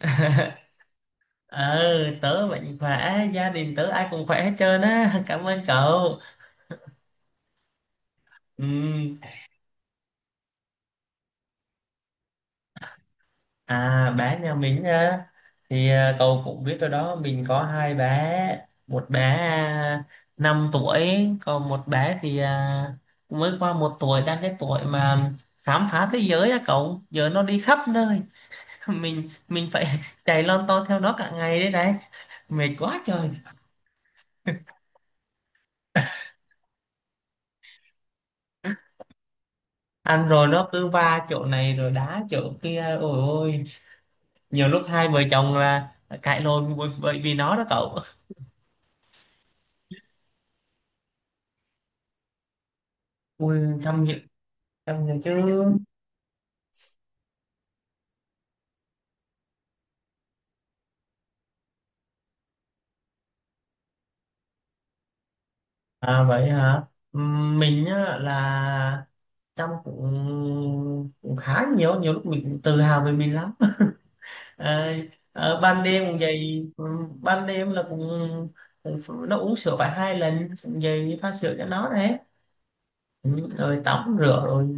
Ờ, tớ mạnh khỏe, gia đình tớ ai cũng khỏe hết trơn á. Cảm ơn cậu. Ừm. À, bé nhà mình á, thì cậu cũng biết rồi đó, mình có hai bé. Một bé 5 tuổi, còn một bé thì mới qua một tuổi, đang cái tuổi mà khám phá thế giới á cậu, giờ nó đi khắp nơi. Mình phải chạy lon ton theo nó cả ngày, đấy đấy mệt quá trời. Ăn rồi nó cứ va chỗ này rồi đá chỗ kia, ôi ôi, nhiều lúc hai vợ chồng là cãi lộn bởi bởi vì nó đó cậu. Ui, chăm gì, chăm gì chứ. À, vậy hả? Mình á, là chăm cũng khá nhiều, nhiều lúc mình cũng tự hào về mình lắm. À, ở ban đêm cũng vậy. Ban đêm là cũng, cũng ph- nó uống sữa phải hai lần, cũng vậy, pha sữa cho nó đấy. Rồi tắm rửa, rồi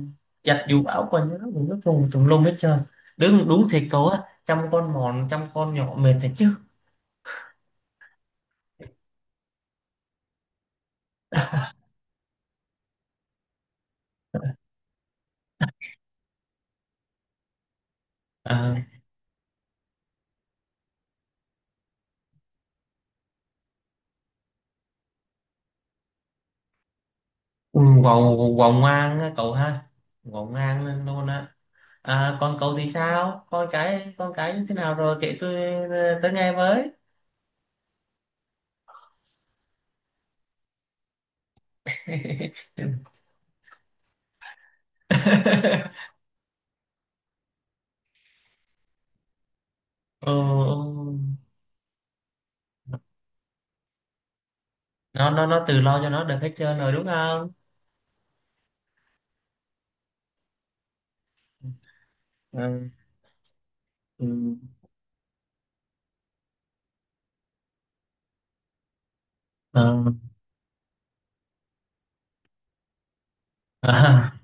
giặt giũ áo quần cho nó cũng nó tùm tùm lum hết trơn. Đúng đúng, thiệt cậu á, chăm con mòn, chăm con nhỏ mệt thật chứ. À, Ngọn, Ngọn ngoan á cậu ha, Ngọn ngoan luôn á. À, còn cậu thì sao? Con cái, con cái như thế nào rồi? Kể tôi tới nghe với. Ừ, ừ. Nó tự lo cho nó được hết trơn rồi đúng không? Ừ. Ừ. Ờ. À.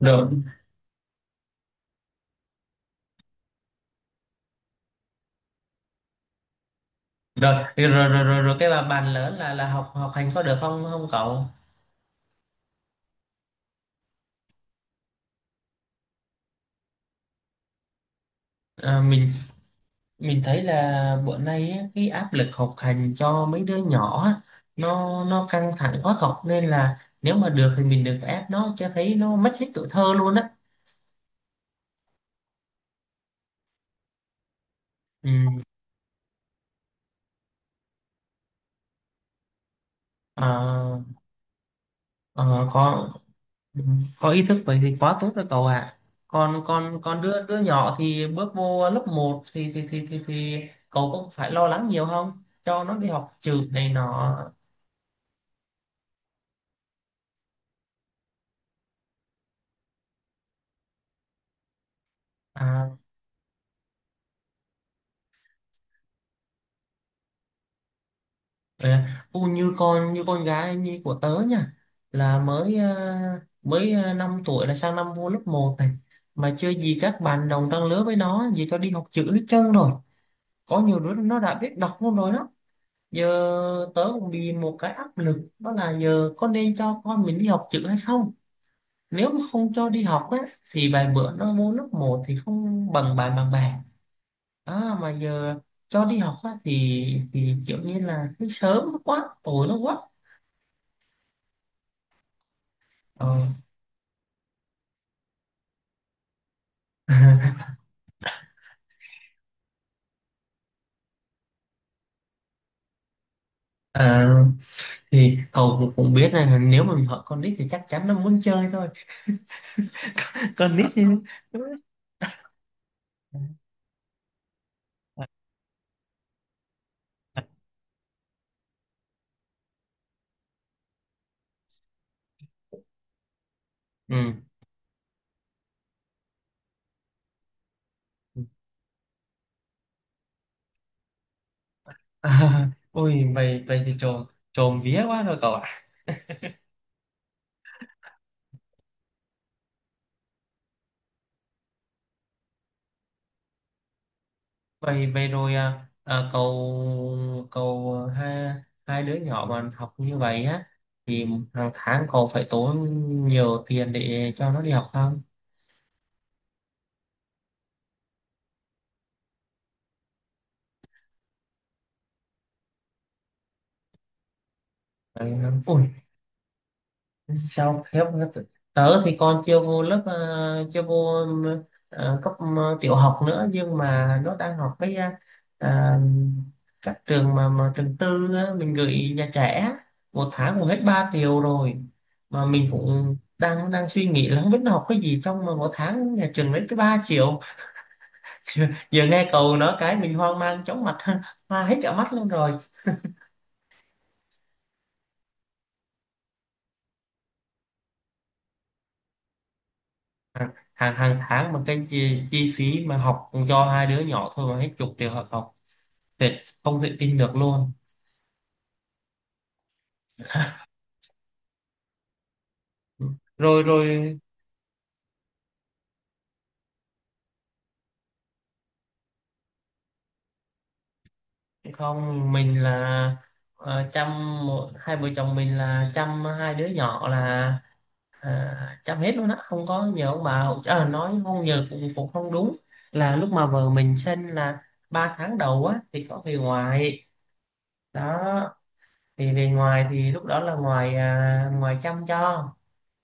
Rồi, rồi, rồi, rồi, rồi, rồi, cái bà bàn lớn là học học hành có được không không cậu? À, mình thấy là bữa nay á, cái áp lực học hành cho mấy đứa nhỏ á, nó căng thẳng khó học, nên là nếu mà được thì mình đừng có ép nó cho thấy nó mất hết tuổi thơ luôn á. Ừ, ờ, ờ, có ý thức vậy thì quá tốt rồi cậu ạ. Còn còn còn đứa đứa nhỏ thì bước vô lớp một thì cậu cũng phải lo lắng nhiều không cho nó đi học trượt này nọ. à, À, u như con gái như của tớ nha, là mới 5 tuổi là sang năm vô lớp một này, mà chưa gì các bạn đồng trang lứa với nó gì cho đi học chữ hết trơn rồi, có nhiều đứa nó đã biết đọc luôn rồi đó. Giờ tớ cũng bị một cái áp lực, đó là giờ có nên cho con mình đi học chữ hay không. Nếu mà không cho đi học á, thì vài bữa nó vô lớp một thì không bằng bạn bằng bè. À, mà giờ cho đi học á, thì kiểu như là cái sớm quá tối nó quá. Ờ. Ờ, thì cậu cũng cũng biết là nếu mà mình hỏi con nít thì chắc chắn nó muốn chơi thôi. Con nít thì. Ừ. À, ôi vậy vậy thì trộm trộm vía quá rồi cậu ạ. Vậy vậy rồi cậu cậu hai hai đứa nhỏ mà học như vậy á, thì hàng tháng cậu phải tốn nhiều tiền để cho nó đi học không? Phải không? Ôi, sao khiếp. Tớ thì con chưa vô lớp chưa vô cấp tiểu học nữa, nhưng mà nó đang học cái à, các trường mà trường tư á, mình gửi nhà trẻ á, một tháng cũng hết 3 triệu rồi. Mà mình cũng đang đang suy nghĩ là không biết nó học cái gì trong mà một tháng nhà trường lấy cái 3 triệu. Giờ nghe cậu nói cái mình hoang mang chóng mặt, hoa hết cả mắt luôn rồi. Hàng hàng tháng mà cái chi phí mà học cho hai đứa nhỏ thôi mà hết chục triệu học. Thiệt không thể tin được luôn. Rồi, rồi. Không, mình là chăm hai vợ chồng mình là chăm hai đứa nhỏ là chăm hết luôn á, không có nhờ ông bà hỗ trợ. Ờ, nói không nhờ cũng cũng không đúng. Là lúc mà vợ mình sinh là 3 tháng đầu á thì có về ngoài. Đó, thì về ngoài thì lúc đó là ngoài chăm cho.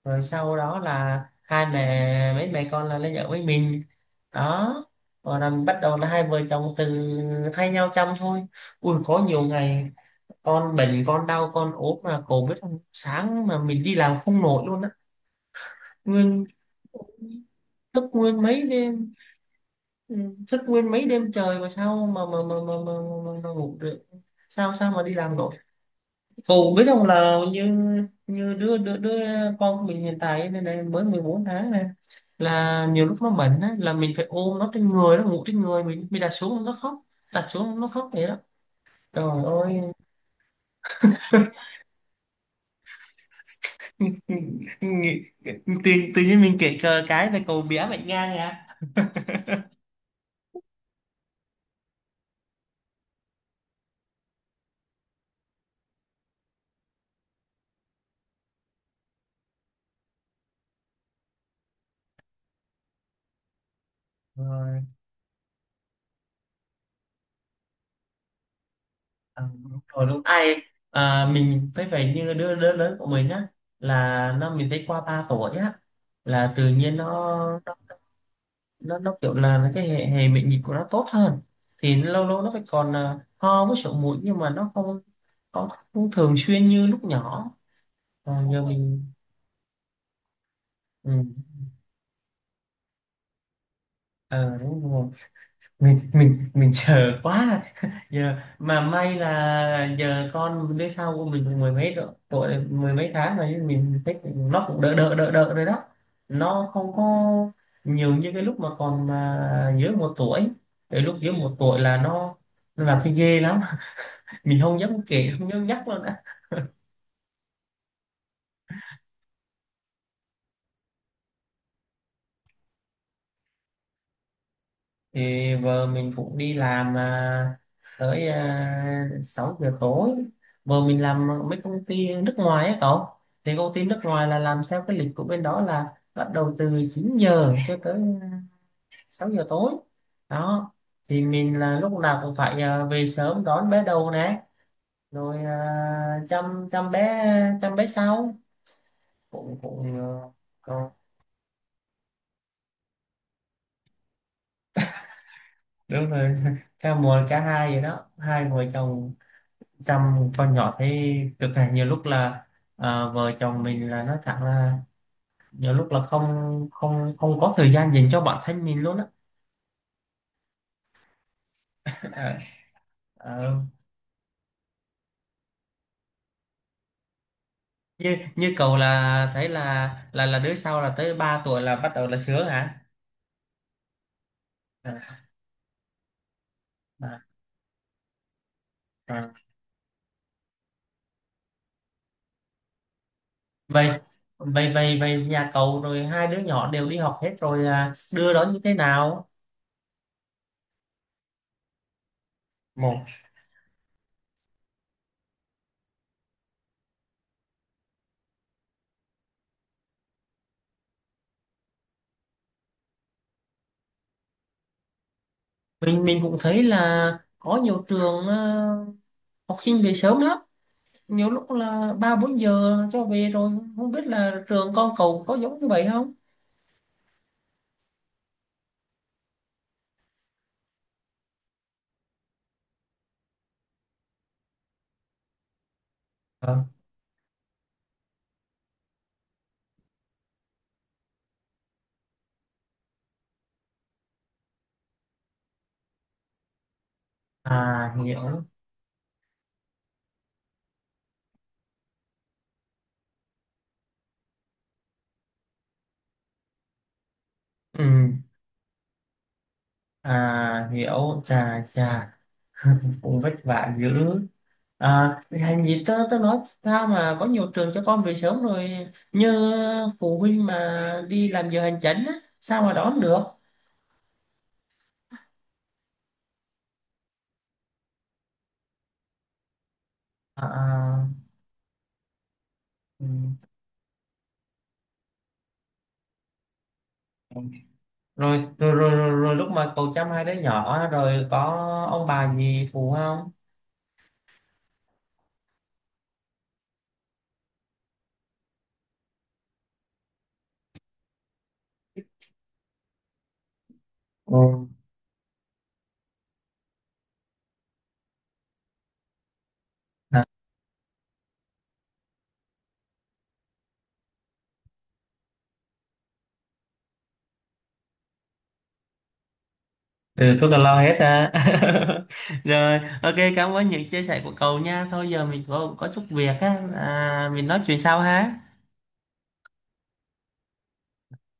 Rồi sau đó là hai mẹ mấy mẹ con là lấy vợ với mình, đó, rồi là bắt đầu là hai vợ chồng từ thay nhau chăm thôi. Ui, có nhiều ngày con bệnh, con đau, con ốm mà cổ biết không, sáng mà mình đi làm không nổi luôn á. nguyên Thức nguyên mấy đêm, ừ, thức nguyên mấy đêm trời mà sao mà ngủ được? Sao sao mà đi làm nổi? Phụ biết không, là như như đứa đứa đứa con của mình hiện tại này, mới 14 tháng này, là nhiều lúc nó bệnh á, là mình phải ôm nó trên người, nó ngủ trên người mình đặt xuống nó khóc, đặt xuống nó khóc vậy đó, trời ơi. Nghĩ- tự nhiên mình kể cờ cái là cậu bé bệnh ngang à. Rồi, đúng rồi, đúng ai. Mình thấy vậy như đứa đứa lớn của mình á, là nó mình thấy qua 3 tuổi á là tự nhiên nó kiểu là nó cái hệ miễn dịch của nó tốt hơn, thì lâu lâu nó phải còn ho với sổ mũi, nhưng mà nó không không, không thường xuyên như lúc nhỏ. Còn giờ mình. Ừ, ờ, đúng rồi. Mình chờ quá. Giờ mà may là giờ con đứa sau của mình cũng mười mấy tuổi rồi, mười mấy tháng rồi, mình thấy nó cũng đỡ đỡ đỡ đỡ rồi đó. Nó không có nhiều như cái lúc mà còn dưới 1 tuổi. Cái lúc dưới 1 tuổi là nó làm thấy ghê lắm, mình không dám kể, không dám nhắc luôn á. Thì vợ mình cũng đi làm tới 6 giờ tối. Vợ mình làm mấy công ty nước ngoài á cậu. Thì công ty nước ngoài là làm theo cái lịch của bên đó, là bắt đầu từ 9 giờ cho tới 6 giờ tối. Đó, thì mình là lúc nào cũng phải về sớm đón bé đầu nè, rồi chăm chăm bé, chăm bé sau cũng cũng. Ờ, đúng rồi. Ca một, ca hai vậy đó, hai vợ chồng chăm con nhỏ thấy cực là, nhiều lúc là vợ chồng mình là nói thẳng là, nhiều lúc là không không không có thời gian dành cho bản thân mình luôn á. Ờ, ờ, như như cậu là thấy là là đứa sau là tới 3 tuổi là bắt đầu là sướng hả? À, à, à. Vậy vậy vậy vậy nhà cậu rồi hai đứa nhỏ đều đi học hết rồi đưa đón như thế nào? Một, mình cũng thấy là có nhiều trường học sinh về sớm lắm. Nhiều lúc là ba bốn giờ cho về rồi, không biết là trường con cậu có giống như vậy không? Ờ, à, hiểu. Ừ, à, hiểu. Chà chà. Cũng vất vả dữ. À, Thành gì tớ, tớ nói sao mà có nhiều trường cho con về sớm rồi, như phụ huynh mà đi làm giờ hành chánh á, sao mà đón được? À, à. Ừ. Rồi, rồi, rồi, rồi, rồi, lúc mà cậu chăm hai đứa nhỏ rồi có ông bà gì phụ không? Ừ. Ừ, tôi là lo hết ra. Rồi, ok, cảm ơn những chia sẻ của cậu nha. Thôi giờ mình có chút việc á mình nói chuyện sau ha.